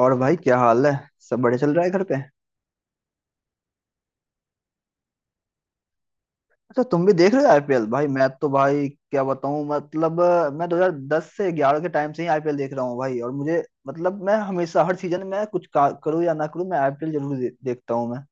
और भाई क्या हाल है। सब बढ़िया चल रहा है घर पे। अच्छा तुम भी देख रहे हो आईपीएल। भाई मैं तो भाई क्या बताऊं, मतलब मैं 2010 से 11 के टाइम से ही आईपीएल देख रहा हूँ भाई। और मुझे मतलब मैं हमेशा हर सीजन में करूँ या ना करूँ, मैं आईपीएल जरूर देखता हूँ मैं।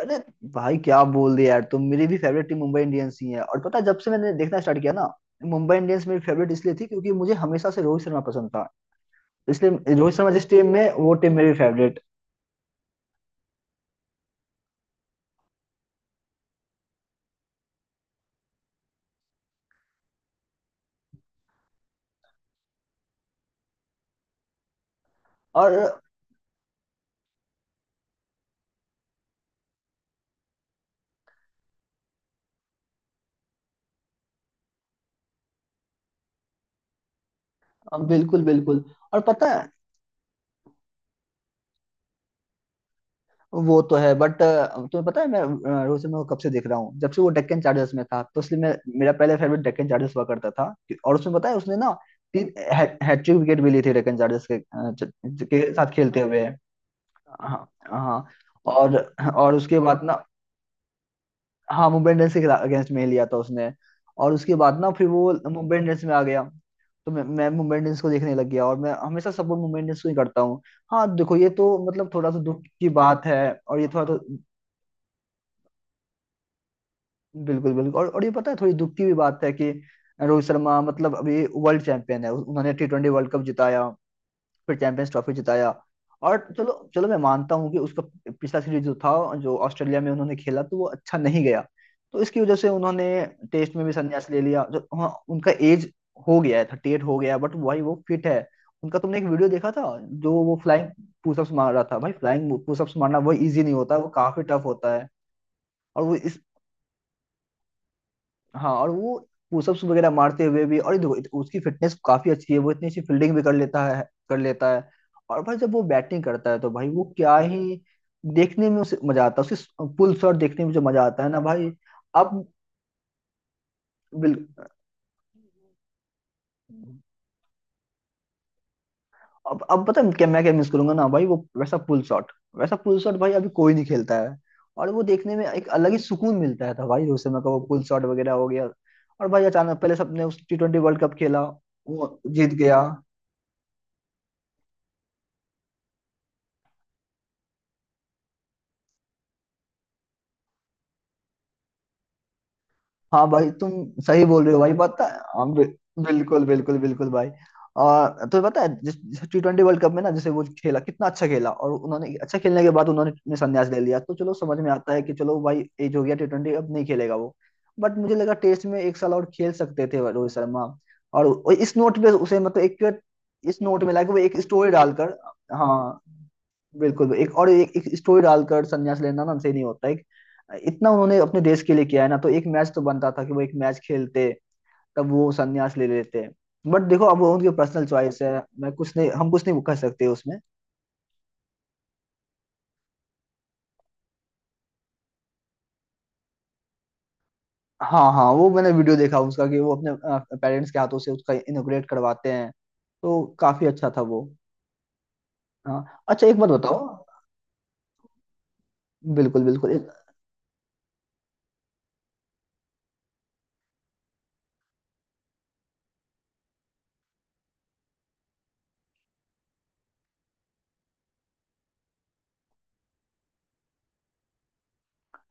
अरे भाई क्या बोल दिया यार, तुम मेरी भी फेवरेट टीम मुंबई इंडियंस ही है। और पता है, जब से मैंने देखना स्टार्ट किया ना, मुंबई इंडियंस मेरी फेवरेट इसलिए थी क्योंकि मुझे हमेशा से रोहित शर्मा पसंद था। इसलिए रोहित शर्मा जिस टीम में, वो टीम मेरी फेवरेट। और बिल्कुल बिल्कुल। और पता है, वो तो है। बट तुम्हें पता है मैं रोहित शर्मा को कब से देख रहा हूँ, जब से वो डेक्कन चार्जर्स में था। तो इसलिए मैं, मेरा पहले फेवरेट डेक्कन चार्जर्स हुआ करता था। और उसमें पता है उसने ना तीन हैट्रिक विकेट भी ली थी डेक्कन चार्जर्स के, के साथ खेलते हुए। हाँ हाँ। और और उसके बाद ना। हाँ, मुंबई इंडियंस के अगेंस्ट में ही लिया था उसने। और उसके बाद ना फिर वो मुंबई इंडियंस में आ गया। तो मैं मुंबई इंडियंस को देखने लग गया और मैं हमेशा सपोर्ट मुंबई इंडियंस को ही करता हूँ। हाँ देखो ये तो मतलब थोड़ा सा दुख की बात है। और ये थोड़ा तो बिल्कुल बिल्कुल। और ये पता है थोड़ी दुख की भी बात है कि रोहित शर्मा मतलब अभी वर्ल्ड चैंपियन है। उन्होंने टी ट्वेंटी वर्ल्ड कप जिताया, फिर चैंपियंस ट्रॉफी जिताया। और चलो चलो मैं मानता हूँ कि उसका पिछला सीरीज जो था, जो ऑस्ट्रेलिया में उन्होंने खेला, तो वो अच्छा नहीं गया। तो इसकी वजह से उन्होंने टेस्ट में भी संन्यास ले लिया। जो हाँ उनका एज हो गया है, थर्टी एट हो गया। बट वही वो फिट है। उनका तुमने एक वीडियो देखा था जो वो फ्लाइंग पुशअप्स मार रहा था। भाई फ्लाइंग पुशअप्स मारना वो इजी नहीं होता, वो काफी टफ होता है। और वो इस, हाँ और वो पुशअप्स वगैरह मारते हुए भी। और ये देखो उसकी फिटनेस काफी अच्छी है, वो इतनी अच्छी फील्डिंग भी कर लेता है, कर लेता है। और भाई जब वो बैटिंग करता है तो भाई वो क्या ही, देखने में उसे मजा आता है, उसे पुल शॉट देखने में जो मजा आता है ना भाई। अब बिल अब पता है क्या मैं क्या मिस करूंगा ना भाई, वो वैसा पुल शॉट, वैसा पुल शॉट भाई अभी कोई नहीं खेलता है। और वो देखने में एक अलग ही सुकून मिलता था भाई, उस समय का वो पुल शॉट वगैरह हो गया। और भाई अचानक पहले सबने उस टी ट्वेंटी वर्ल्ड कप खेला, वो जीत गया। हाँ भाई, तुम सही बोल रहे हो भाई। पता है हाँ, बिल्कुल बिल्कुल बिल्कुल भाई। और तो पता है जिस टी ट्वेंटी वर्ल्ड कप में ना जैसे वो खेला, कितना अच्छा खेला। और उन्होंने अच्छा खेलने के बाद उन्होंने ने संन्यास ले लिया। तो चलो समझ में आता है कि चलो भाई एज हो गया, टी ट्वेंटी अब नहीं खेलेगा वो। बट मुझे लगा टेस्ट में एक साल और खेल सकते थे रोहित शर्मा। और इस नोट पे उसे मतलब एक, इस नोट में लाके वो एक स्टोरी डालकर, हाँ बिल्कुल एक और एक स्टोरी डालकर संन्यास लेना ना सही नहीं होता है। इतना उन्होंने अपने देश के लिए किया है ना, तो एक मैच तो बनता था कि वो एक मैच खेलते, तब वो संन्यास ले लेते। बट देखो अब वो उनकी पर्सनल चॉइस है। मैं कुछ नहीं हम कुछ नहीं कर सकते उसमें। हाँ हाँ, वो मैंने वीडियो देखा उसका कि वो अपने पेरेंट्स के हाथों से उसका इनोग्रेट करवाते हैं। तो काफी अच्छा था वो। हाँ अच्छा एक बात बताओ, बिल्कुल बिल्कुल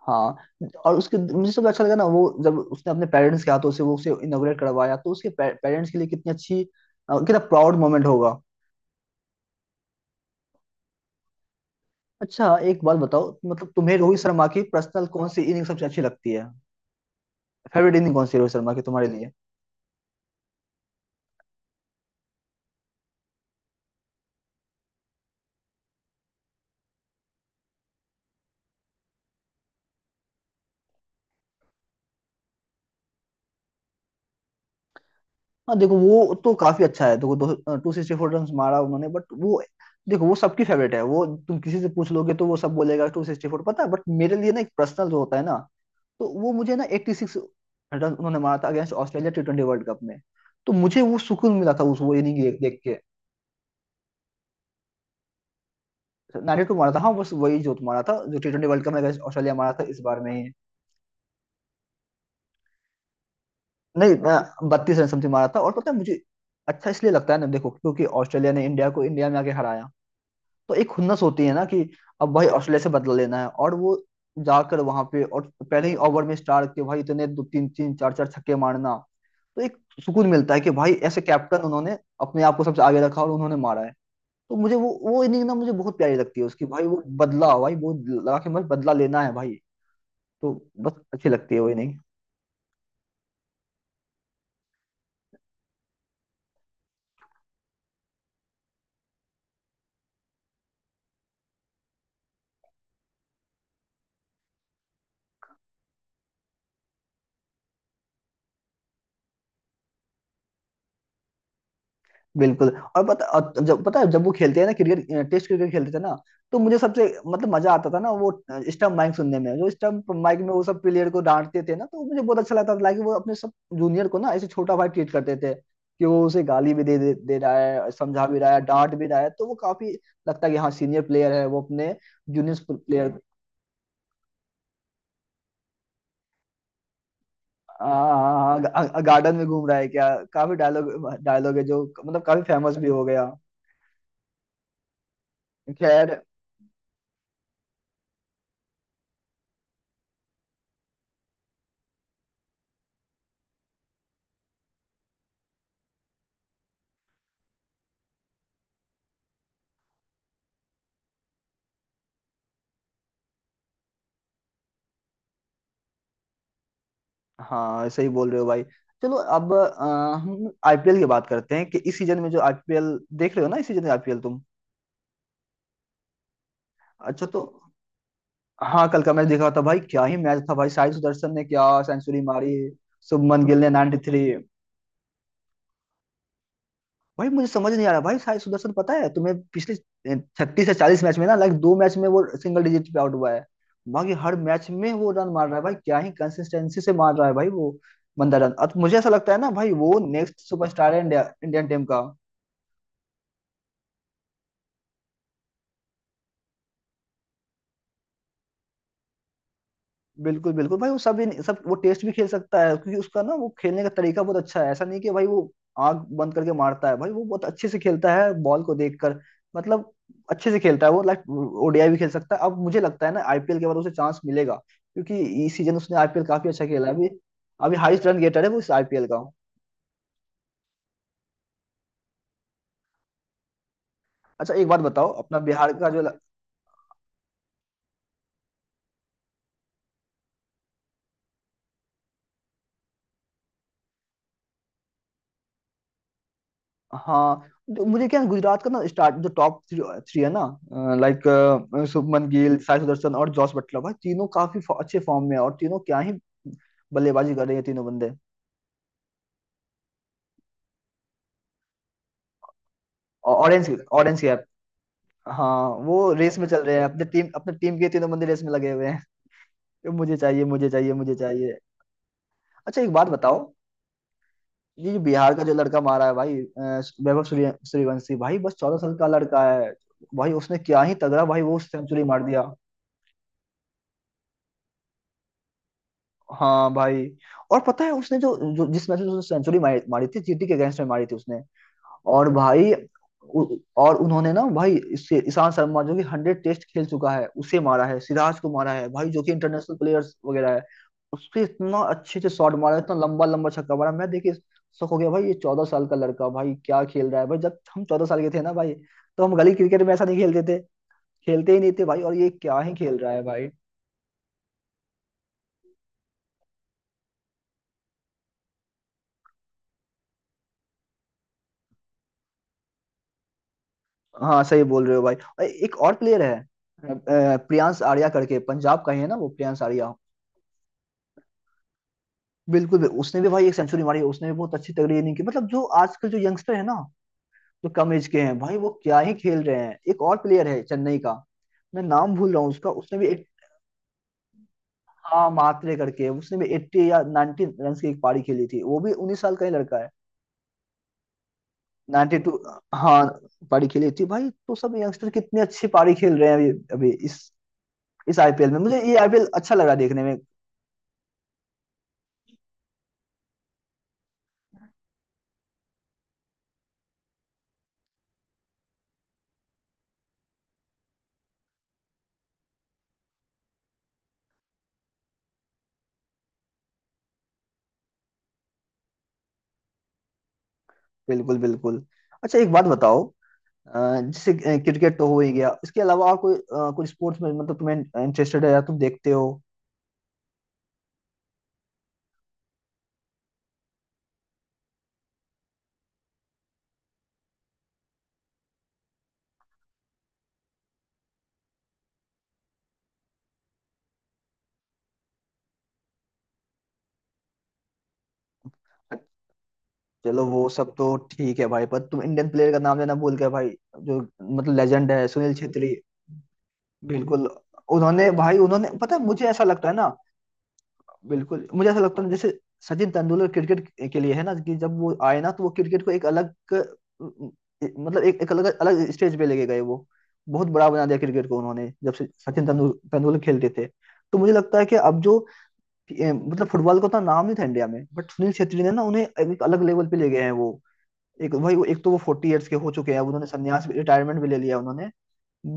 हाँ और उसके मुझे सबसे अच्छा लगा ना, वो जब उसने अपने पेरेंट्स के हाथों से वो उसे इनोग्रेट करवाया, तो उसके पेरेंट्स के लिए कितनी अच्छी, कितना प्राउड मोमेंट होगा। अच्छा एक बात बताओ, मतलब तुम्हें रोहित शर्मा की पर्सनल कौन सी इनिंग सबसे अच्छी लगती है? फेवरेट इनिंग कौन सी है रोहित शर्मा की तुम्हारे लिए? हाँ देखो वो तो काफी अच्छा है। देखो दो टू सिक्सटी फोर रन मारा उन्होंने, बट वो देखो वो सबकी फेवरेट है। वो तुम किसी से पूछ लोगे तो वो सब बोलेगा टू सिक्सटी फोर पता है। बट मेरे लिए ना एक पर्सनल जो होता है ना, तो वो मुझे ना एट्टी सिक्स रन उन्होंने मारा था against Australia T twenty world cup में। तो मुझे वो सुकून मिला था उस वो इनिंग देख देख के। 92 मारा था, हाँ बस वही जो मारा था, जो टी ट्वेंटी वर्ल्ड कप में अगेंस्ट ऑस्ट्रेलिया मारा था इस बार में ही। नहीं, 32 रन समथिंग मारा था। और पता है मुझे अच्छा इसलिए लगता है ना देखो, क्योंकि ऑस्ट्रेलिया ने इंडिया को इंडिया में आके हराया, तो एक खुन्नस होती है ना कि अब भाई ऑस्ट्रेलिया से बदला लेना है। और वो जाकर वहां पे और पहले ही ओवर में स्टार के भाई इतने दो तीन तीन चार चार छक्के मारना, तो एक सुकून मिलता है कि भाई ऐसे कैप्टन, उन्होंने अपने आप को सबसे आगे रखा और उन्होंने मारा है। तो मुझे वो इनिंग ना मुझे बहुत प्यारी लगती है उसकी भाई, वो बदला भाई वो लगा के बस बदला लेना है भाई। तो बस अच्छी लगती है वो इनिंग। बिल्कुल। और पता और जब पता है जब वो खेलते हैं ना क्रिकेट, टेस्ट क्रिकेट खेलते थे ना, तो मुझे सबसे मतलब मजा आता था ना वो स्टंप माइक सुनने में, जो स्टंप माइक में वो सब प्लेयर को डांटते थे ना, तो मुझे बहुत अच्छा लगता था। लाइक वो अपने सब जूनियर को ना ऐसे छोटा भाई ट्रीट करते थे कि वो उसे गाली भी दे दे, दे रहा है, समझा भी रहा है, डांट भी रहा है, तो वो काफी लगता है कि हाँ सीनियर प्लेयर है वो, अपने जूनियर प्लेयर। गार्डन में घूम रहा है क्या, काफी डायलॉग डायलॉग है जो मतलब काफी फेमस भी हो गया। खैर, हाँ सही बोल रहे हो भाई। चलो अब हम आईपीएल की बात करते हैं कि इस सीजन में जो आईपीएल देख रहे हो ना, इस सीजन में आईपीएल तुम, अच्छा तो हाँ कल का मैच देखा था भाई। क्या ही मैच था भाई, साई सुदर्शन ने क्या सेंचुरी मारी, शुभमन गिल ने 93, भाई मुझे समझ नहीं आ रहा भाई, साई सुदर्शन पता है तुम्हें पिछले 36 से 40 मैच में ना लाइक दो मैच में वो सिंगल डिजिट पे आउट हुआ है, बाकी हर मैच में वो रन मार रहा है भाई। क्या ही कंसिस्टेंसी से मार रहा है भाई वो बंदा रन। अब मुझे ऐसा लगता है ना भाई वो नेक्स्ट सुपरस्टार है इंडिया, इंडियन टीम का। बिल्कुल बिल्कुल भाई, वो सब ही नहीं- सब वो टेस्ट भी खेल सकता है, क्योंकि उसका ना वो खेलने का तरीका बहुत अच्छा है। ऐसा नहीं कि भाई वो आंख बंद करके मारता है, भाई वो बहुत अच्छे से खेलता है बॉल को देखकर, मतलब अच्छे से खेलता है वो। लाइक ओडीआई भी खेल सकता है, अब मुझे लगता है ना आईपीएल के बाद उसे चांस मिलेगा, क्योंकि इस सीजन उसने आईपीएल काफी अच्छा खेला है अभी। अभी हाईएस्ट रन गेटर है वो इस आईपीएल का। अच्छा एक बात बताओ, अपना बिहार का जो, हाँ तो मुझे क्या है, गुजरात का ना स्टार्ट जो टॉप थ्री है ना, लाइक शुभमन गिल, साई सुदर्शन और जॉस बटलर, भाई तीनों काफी अच्छे फॉर्म में हैं। और तीनों क्या ही बल्लेबाजी कर रहे हैं तीनों बंदे। और ऑरेंज ऑरेंज कैप, हाँ वो रेस में चल रहे हैं, अपने टीम के तीनों बंदे रेस में लगे हुए हैं कि मुझे चाहिए, मुझे चाहिए, मुझे चाहिए। अच्छा एक बात बताओ, ये जो बिहार का जो लड़का मारा है भाई, वैभव सूर्य सूर्यवंशी, भाई बस 14 साल का लड़का है। भाई उसने क्या ही तगड़ा भाई वो सेंचुरी मार दिया। हाँ भाई, और पता है उसने जो जिस मैच में उसने सेंचुरी मारी थी, जीटी के अगेंस्ट में मारी थी उसने। और भाई और उन्होंने ना भाई इससे ईशांत शर्मा जो कि हंड्रेड टेस्ट खेल चुका है उसे मारा है, सिराज को मारा है भाई, जो कि इंटरनेशनल प्लेयर्स वगैरह है। उससे इतना अच्छे से शॉट मारा, इतना लंबा लंबा छक्का मारा, मैं देखिए शौक हो गया भाई। ये चौदह साल का लड़का भाई क्या खेल रहा है भाई, जब हम 14 साल के थे ना भाई, तो हम गली क्रिकेट में ऐसा नहीं खेलते थे, खेलते ही नहीं थे भाई। और ये क्या ही खेल रहा है भाई। हाँ सही बोल रहे हो भाई। और एक और प्लेयर है प्रियांश आर्या करके, पंजाब का ही है ना वो प्रियांश आर्या। बिल्कुल भी उसने भी भाई एक सेंचुरी मारी, उसने भी बहुत अच्छी तगड़ी इनिंग की। मतलब जो आजकल जो यंगस्टर है ना, जो कम एज के हैं भाई वो क्या ही खेल रहे हैं। एक और प्लेयर है चेन्नई का, मैं नाम भूल रहा हूँ उसका। उसने भी एक, हाँ मात्रे करके, उसने भी 80 या 90 रन की एक पारी खेली थी। वो भी 19 साल का ही लड़का है। 92, हाँ, पारी खेली थी भाई। तो सब यंगस्टर कितनी अच्छी पारी खेल रहे हैं अभी अभी इस, आईपीएल में। मुझे ये आईपीएल अच्छा लगा देखने में। बिल्कुल बिल्कुल। अच्छा एक बात बताओ, अ, जैसे क्रिकेट तो हो ही गया, इसके अलावा और कोई कोई स्पोर्ट्स में मतलब तुम्हें इंटरेस्टेड है या तुम देखते हो? चलो वो सब तो ठीक है भाई, पर तुम इंडियन प्लेयर का नाम लेना भूल गए भाई, जो मतलब लेजेंड है, सुनील छेत्री। बिल्कुल। उन्होंने भाई, उन्होंने, पता है मुझे ऐसा लगता है ना, बिल्कुल मुझे ऐसा लगता है, जैसे सचिन तेंदुलकर क्रिकेट के लिए है ना, कि जब वो आए ना, तो वो क्रिकेट को एक अलग, मतलब एक, एक अलग अलग स्टेज पे लेके गए। वो बहुत बड़ा बना दिया क्रिकेट को उन्होंने, जब से सचिन तेंदुलकर खेलते थे। तो मुझे लगता है कि अब जो मतलब फुटबॉल का उतना नाम नहीं था इंडिया में, बट सुनील छेत्री ने ना उन्हें एक अलग लेवल पे ले गए हैं वो। एक भाई वो एक, तो वो फोर्टी ईयर्स के हो चुके हैं अब, उन्होंने संन्यास रिटायरमेंट भी ले लिया उन्होंने।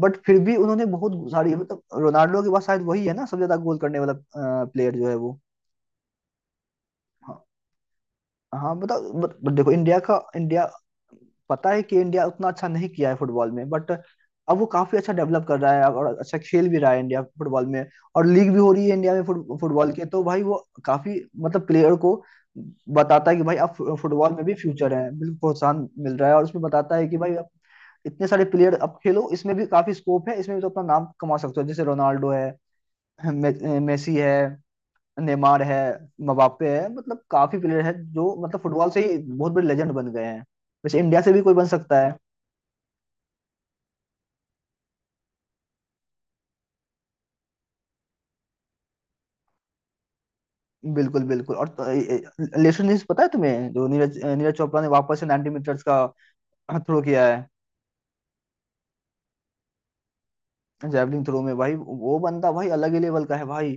बट फिर भी उन्होंने बहुत सारी, मतलब रोनाल्डो के बाद शायद वही है ना सबसे ज्यादा गोल करने वाला प्लेयर जो है वो। हाँ। हाँ बताओ, बत, बत, देखो इंडिया का, इंडिया पता है कि इंडिया उतना अच्छा नहीं किया है फुटबॉल में, बट अब वो काफी अच्छा डेवलप कर रहा है और अच्छा खेल भी रहा है इंडिया फुटबॉल में। और लीग भी हो रही है इंडिया में फुटबॉल के। तो भाई वो काफी मतलब प्लेयर को बताता है कि भाई आप फुटबॉल में भी फ्यूचर है, बिल्कुल प्रोत्साहन मिल रहा है। और उसमें बताता है कि भाई आप इतने सारे प्लेयर अब खेलो, इसमें भी काफी स्कोप है, इसमें भी तो अपना नाम कमा सकते हो। जैसे रोनाल्डो है, मे, मेसी है, नेमार है, मबाप्पे है। मतलब काफी प्लेयर है जो मतलब फुटबॉल से ही बहुत बड़े लेजेंड बन गए हैं। वैसे इंडिया से भी कोई बन सकता है। बिल्कुल बिल्कुल। और लेटेस्ट न्यूज पता है तुम्हें, जो नीरज, चोपड़ा ने वापस से 90 मीटर्स का थ्रो किया है, जैवलिन थ्रो में। भाई वो बंदा भाई अलग ही लेवल का है भाई।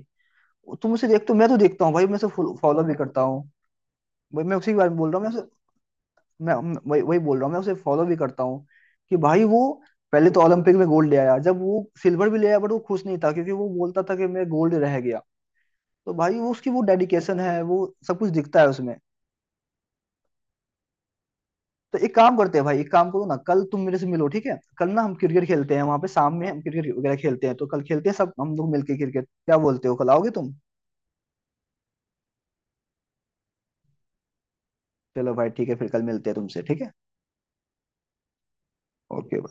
तुम उसे देखते हो? मैं तो देखता हूँ भाई, मैं उसे फॉलो भी करता हूँ। भाई मैं उसी के बारे में बोल रहा हूँ, मैं वही वही बोल रहा हूँ, मैं उसे फॉलो भी करता हूँ। कि भाई वो पहले तो ओलंपिक में गोल्ड ले आया, जब वो सिल्वर भी ले आया बट वो खुश नहीं था क्योंकि वो बोलता था कि मैं गोल्ड रह गया। तो भाई वो उसकी वो डेडिकेशन है, वो सब कुछ दिखता है उसमें। तो एक काम करते हैं भाई, एक काम करो ना, कल तुम मेरे से मिलो, ठीक है? कल ना हम क्रिकेट खेलते हैं वहां पे, शाम में हम क्रिकेट वगैरह खेलते हैं, तो कल खेलते हैं सब हम लोग मिलके क्रिकेट। क्या बोलते हो, कल आओगे तुम? चलो भाई ठीक है फिर, कल मिलते हैं तुमसे, ठीक है? ओके।